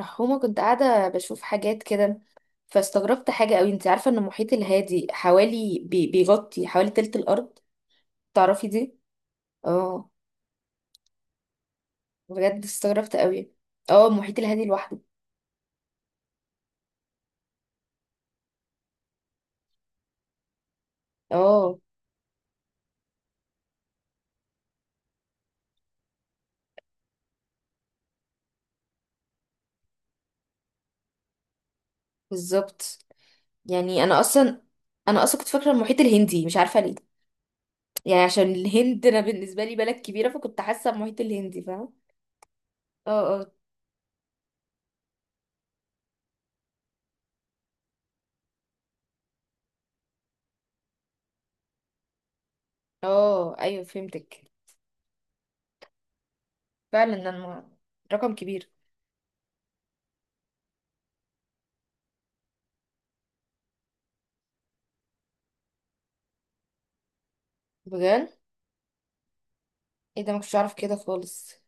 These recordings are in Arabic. رحومة، كنت قاعدة بشوف حاجات كده. فاستغربت حاجة قوي، انت عارفة ان المحيط الهادي حوالي بيغطي حوالي تلت الارض؟ تعرفي دي؟ اه، بجد استغربت قوي. اه المحيط الهادي لوحده. اه بالظبط. يعني انا اصلا كنت فاكرة المحيط الهندي، مش عارفة ليه. يعني عشان الهند انا بالنسبة لي بلد كبيرة، فكنت حاسة المحيط الهندي، فاهمة؟ اه اه. اه ايوه فهمتك. فعلا ده رقم كبير. بجد، ايه ده، ما كنتش اعرف كده خالص.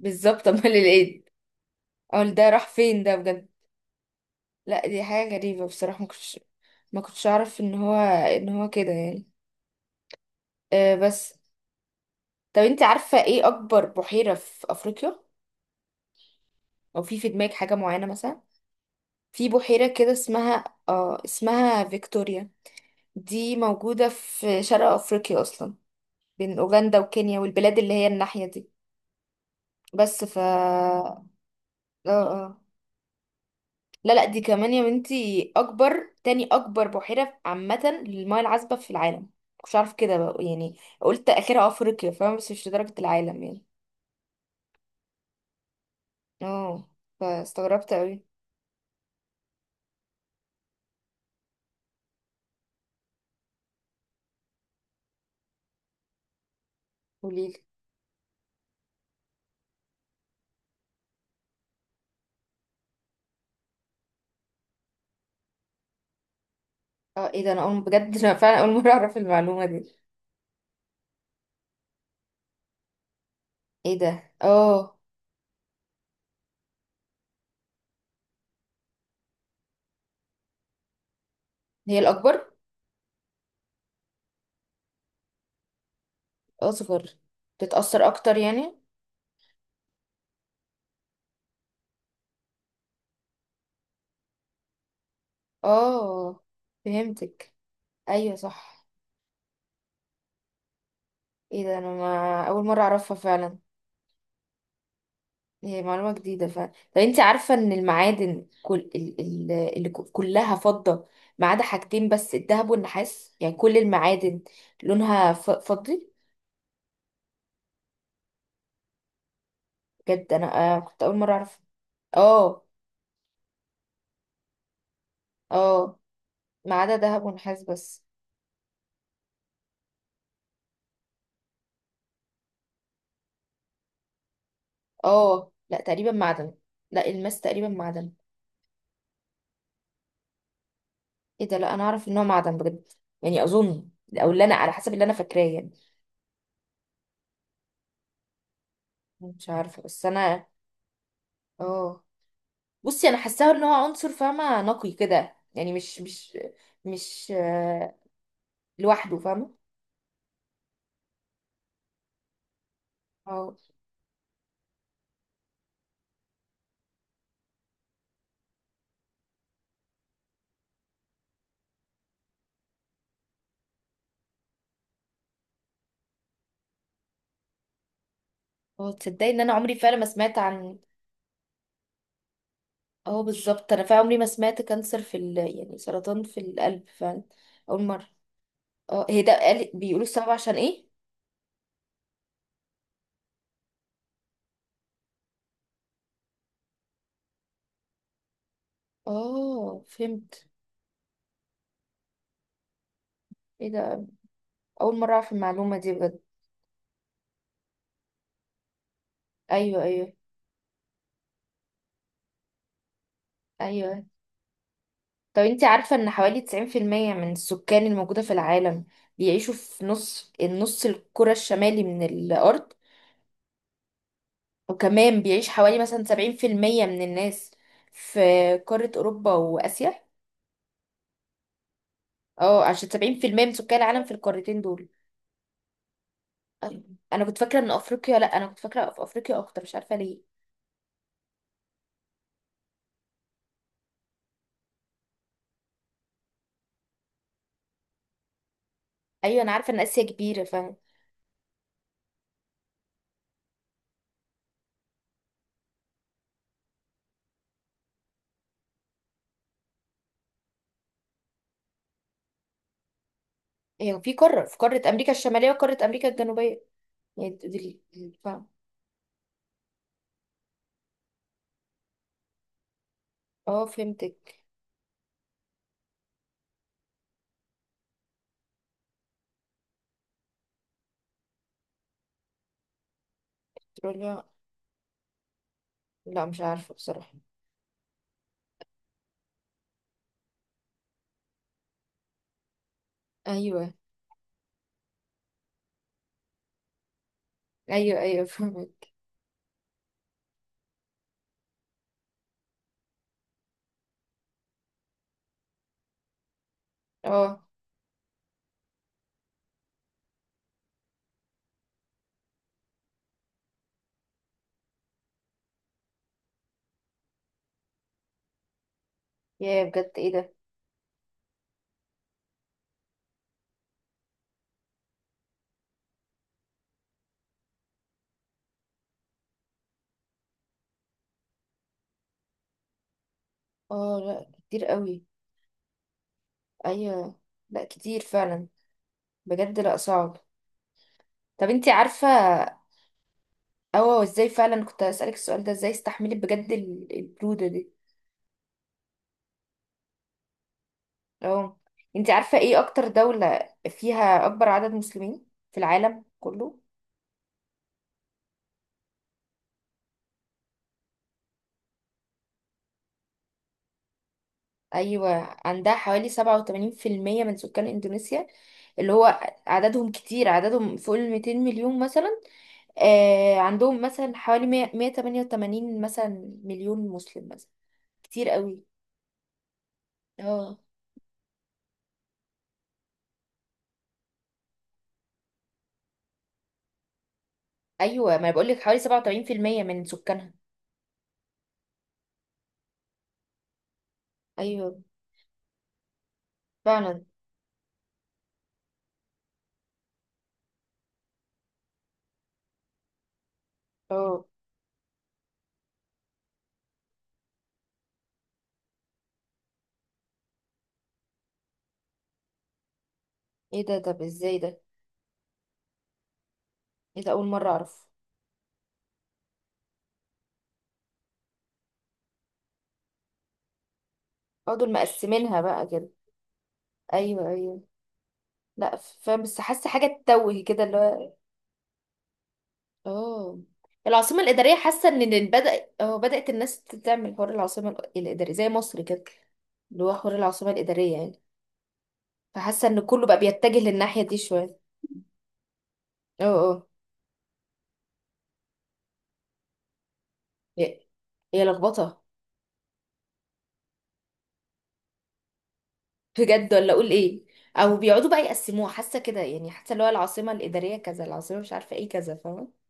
بالظبط. امال ايه، اقول ده راح فين ده بجد. لا دي حاجة غريبة بصراحة. ما كنتش اعرف ان هو كده يعني. أه بس، طب انت عارفة ايه اكبر بحيرة في افريقيا؟ او في دماغك حاجة معينة مثلا؟ في بحيرة كده اسمها فيكتوريا. دي موجودة في شرق افريقيا اصلا، بين اوغندا وكينيا والبلاد اللي هي الناحية دي. بس ف اه اه، لا لا دي كمان يا بنتي تاني اكبر بحيرة عامة للمياه العذبة في العالم. مش عارف كده بقى يعني، قلت اخرها افريقيا فاهمة، بس مش لدرجة العالم يعني. اه. فاستغربت قوي. قوليلي. اه ايه ده، انا فعلا اول مرة اعرف المعلومة دي. ايه ده اه. هي الاكبر؟ اصغر. بتتأثر اكتر يعني؟ اه فهمتك. ايوه صح. ايه ده، انا ما اول مرة اعرفها فعلا. هي معلومة جديدة فعلا. طب انت عارفة ان المعادن، كل اللي كلها فضة، ما عدا حاجتين بس الذهب والنحاس، يعني كل المعادن لونها فضي. بجد انا كنت اول مرة اعرف. اه اه، ما عدا ذهب ونحاس بس. اه لا تقريبا معدن، لا الماس تقريبا معدن. ايه ده، لا انا اعرف ان هو معدن بجد. يعني اظن، او اللي انا على حسب اللي انا فاكراه يعني. مش عارفة، بس انا، اه، بصي انا حاساه ان هو عنصر، فاهمه؟ نقي كده يعني، مش لوحده، فاهمه؟ اه اه، تصدقي ان انا عمري فعلا ما سمعت عن، اه بالظبط، انا فعلا عمري ما سمعت كانسر يعني سرطان في القلب فعلا، اول مره. اه هي ده بيقولوا السبب عشان ايه. اه فهمت. ايه ده، اول مره اعرف المعلومه دي بجد. ايوه ايوه ايوه، طب انت عارفه ان حوالي 90% من السكان الموجوده في العالم بيعيشوا في نص النص الكرة الشمالي من الأرض، وكمان بيعيش حوالي مثلا سبعين في المية من الناس في قارة أوروبا وآسيا. اه عشان سبعين في المية من سكان العالم في القارتين دول. أيوة. أنا كنت فاكرة إن أفريقيا، لأ، أنا كنت فاكرة في أفريقيا أكتر، مش عارفة ليه. أيوة أنا عارفة إن آسيا كبيرة، فاهم. هي في قارة أمريكا الشمالية وقارة أمريكا الجنوبية. يعني فاهم. اه فهمتك. أستراليا، لا مش عارفة بصراحة. أيوة أيوة أيوة فهمت. اه يا بجد ايه ده. اه لا كتير قوي. أيوة لا كتير فعلا. بجد لا صعب. طب انتي عارفة، اه ازاي فعلا، كنت هسألك السؤال ده، ازاي استحملت بجد البرودة دي؟ اه، انتي عارفة ايه اكتر دولة فيها اكبر عدد مسلمين في العالم كله؟ ايوه عندها حوالي 87% من سكان اندونيسيا، اللي هو عددهم كتير، عددهم فوق ال 200 مليون مثلا. آه عندهم مثلا حوالي 100 188 مثلا مليون مسلم مثلا. كتير قوي. اه ايوه، ما انا بقول لك حوالي 87% من سكانها. ايوه فعلا. اه ايه ده، طب ازاي ده؟ ايه ده، اول مره اعرف. اه دول مقسمينها بقى كده. ايوه ايوه. لا فاهم، بس حاسه حاجه تتوه كده اللي هو، اه، العاصمه الاداريه. حاسه ان إن بدا اه بدات الناس تعمل حوار العاصمه الاداريه زي مصر كده، اللي هو حوار العاصمه الاداريه يعني. فحاسه ان كله بقى بيتجه للناحيه دي شويه. اه اه. هي هي لخبطه، بجد، ولا اقول ايه؟ او بيقعدوا بقى يقسموها، حاسه كده يعني، حاسه اللي هو العاصمه الاداريه كذا، العاصمه مش عارفه ايه كذا، فاهمه؟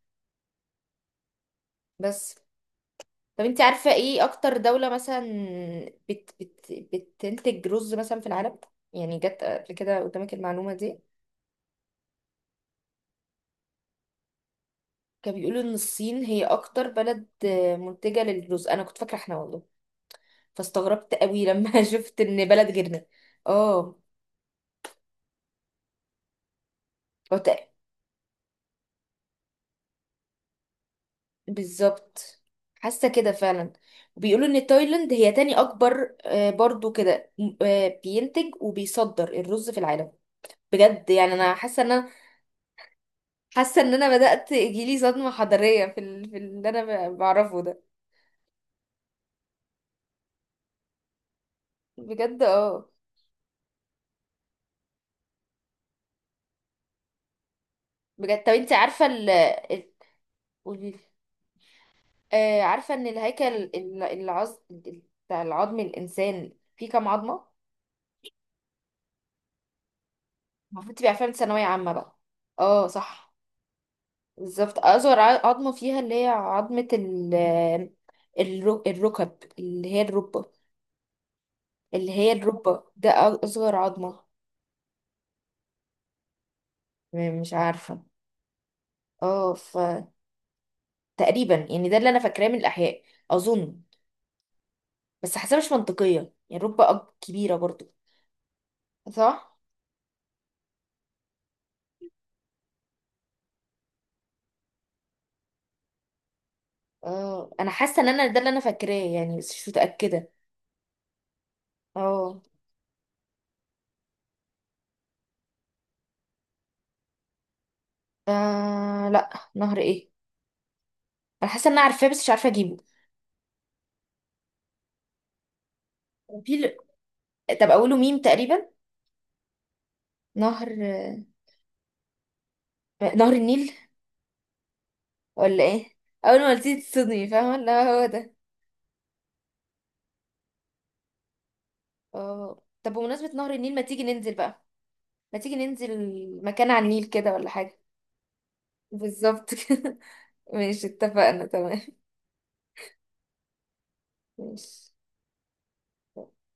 بس، طب انت عارفة ايه اكتر دولة مثلا بت بت بتنتج رز مثلا في العالم؟ يعني جت قبل كده قدامك المعلومة دي؟ كانوا بيقولوا ان الصين هي اكتر بلد منتجة للرز. انا كنت فاكرة احنا والله، فاستغربت قوي لما شفت ان بلد غيرنا. اه هو بالظبط، حاسة كده فعلا. وبيقولوا ان تايلاند هي تاني اكبر، برضو كده، بينتج وبيصدر الرز في العالم. بجد، يعني انا حاسة ان، حاسه ان انا بدات يجيلي صدمه حضاريه في اللي انا بعرفه ده. بجد اه. بجد طب انت عارفه قولي لي. آه عارفه ان الهيكل بتاع العظم، الانسان فيه كام عظمه؟ المفروض تبقى عارفاها من ثانويه عامه بقى. اه صح. بالظبط اصغر عظمه فيها، اللي هي عظمه الركب، اللي هي الركبه، ده اصغر عظمه. مش عارفه. اه تقريبا يعني ده اللي انا فاكراه من الاحياء، اظن. بس حاسه مش منطقيه يعني، رب اب كبيره برضو. صح. اه انا حاسه ان انا ده اللي انا فاكراه يعني، بس مش متاكده. اه لا. نهر ايه؟ انا حاسه ان انا عارفاه بس مش عارفه اجيبه. وفي ال... طب اقوله ميم تقريبا. نهر، نهر النيل؟ ولا ايه؟ اول ما قلتيه تصدمي، فاهمه؟ لا هو ده. اه طب بمناسبه نهر النيل، ما تيجي ننزل بقى، ما تيجي ننزل مكان على النيل كده ولا حاجه؟ بالظبط كده، ماشي، اتفقنا، تمام. ماشي.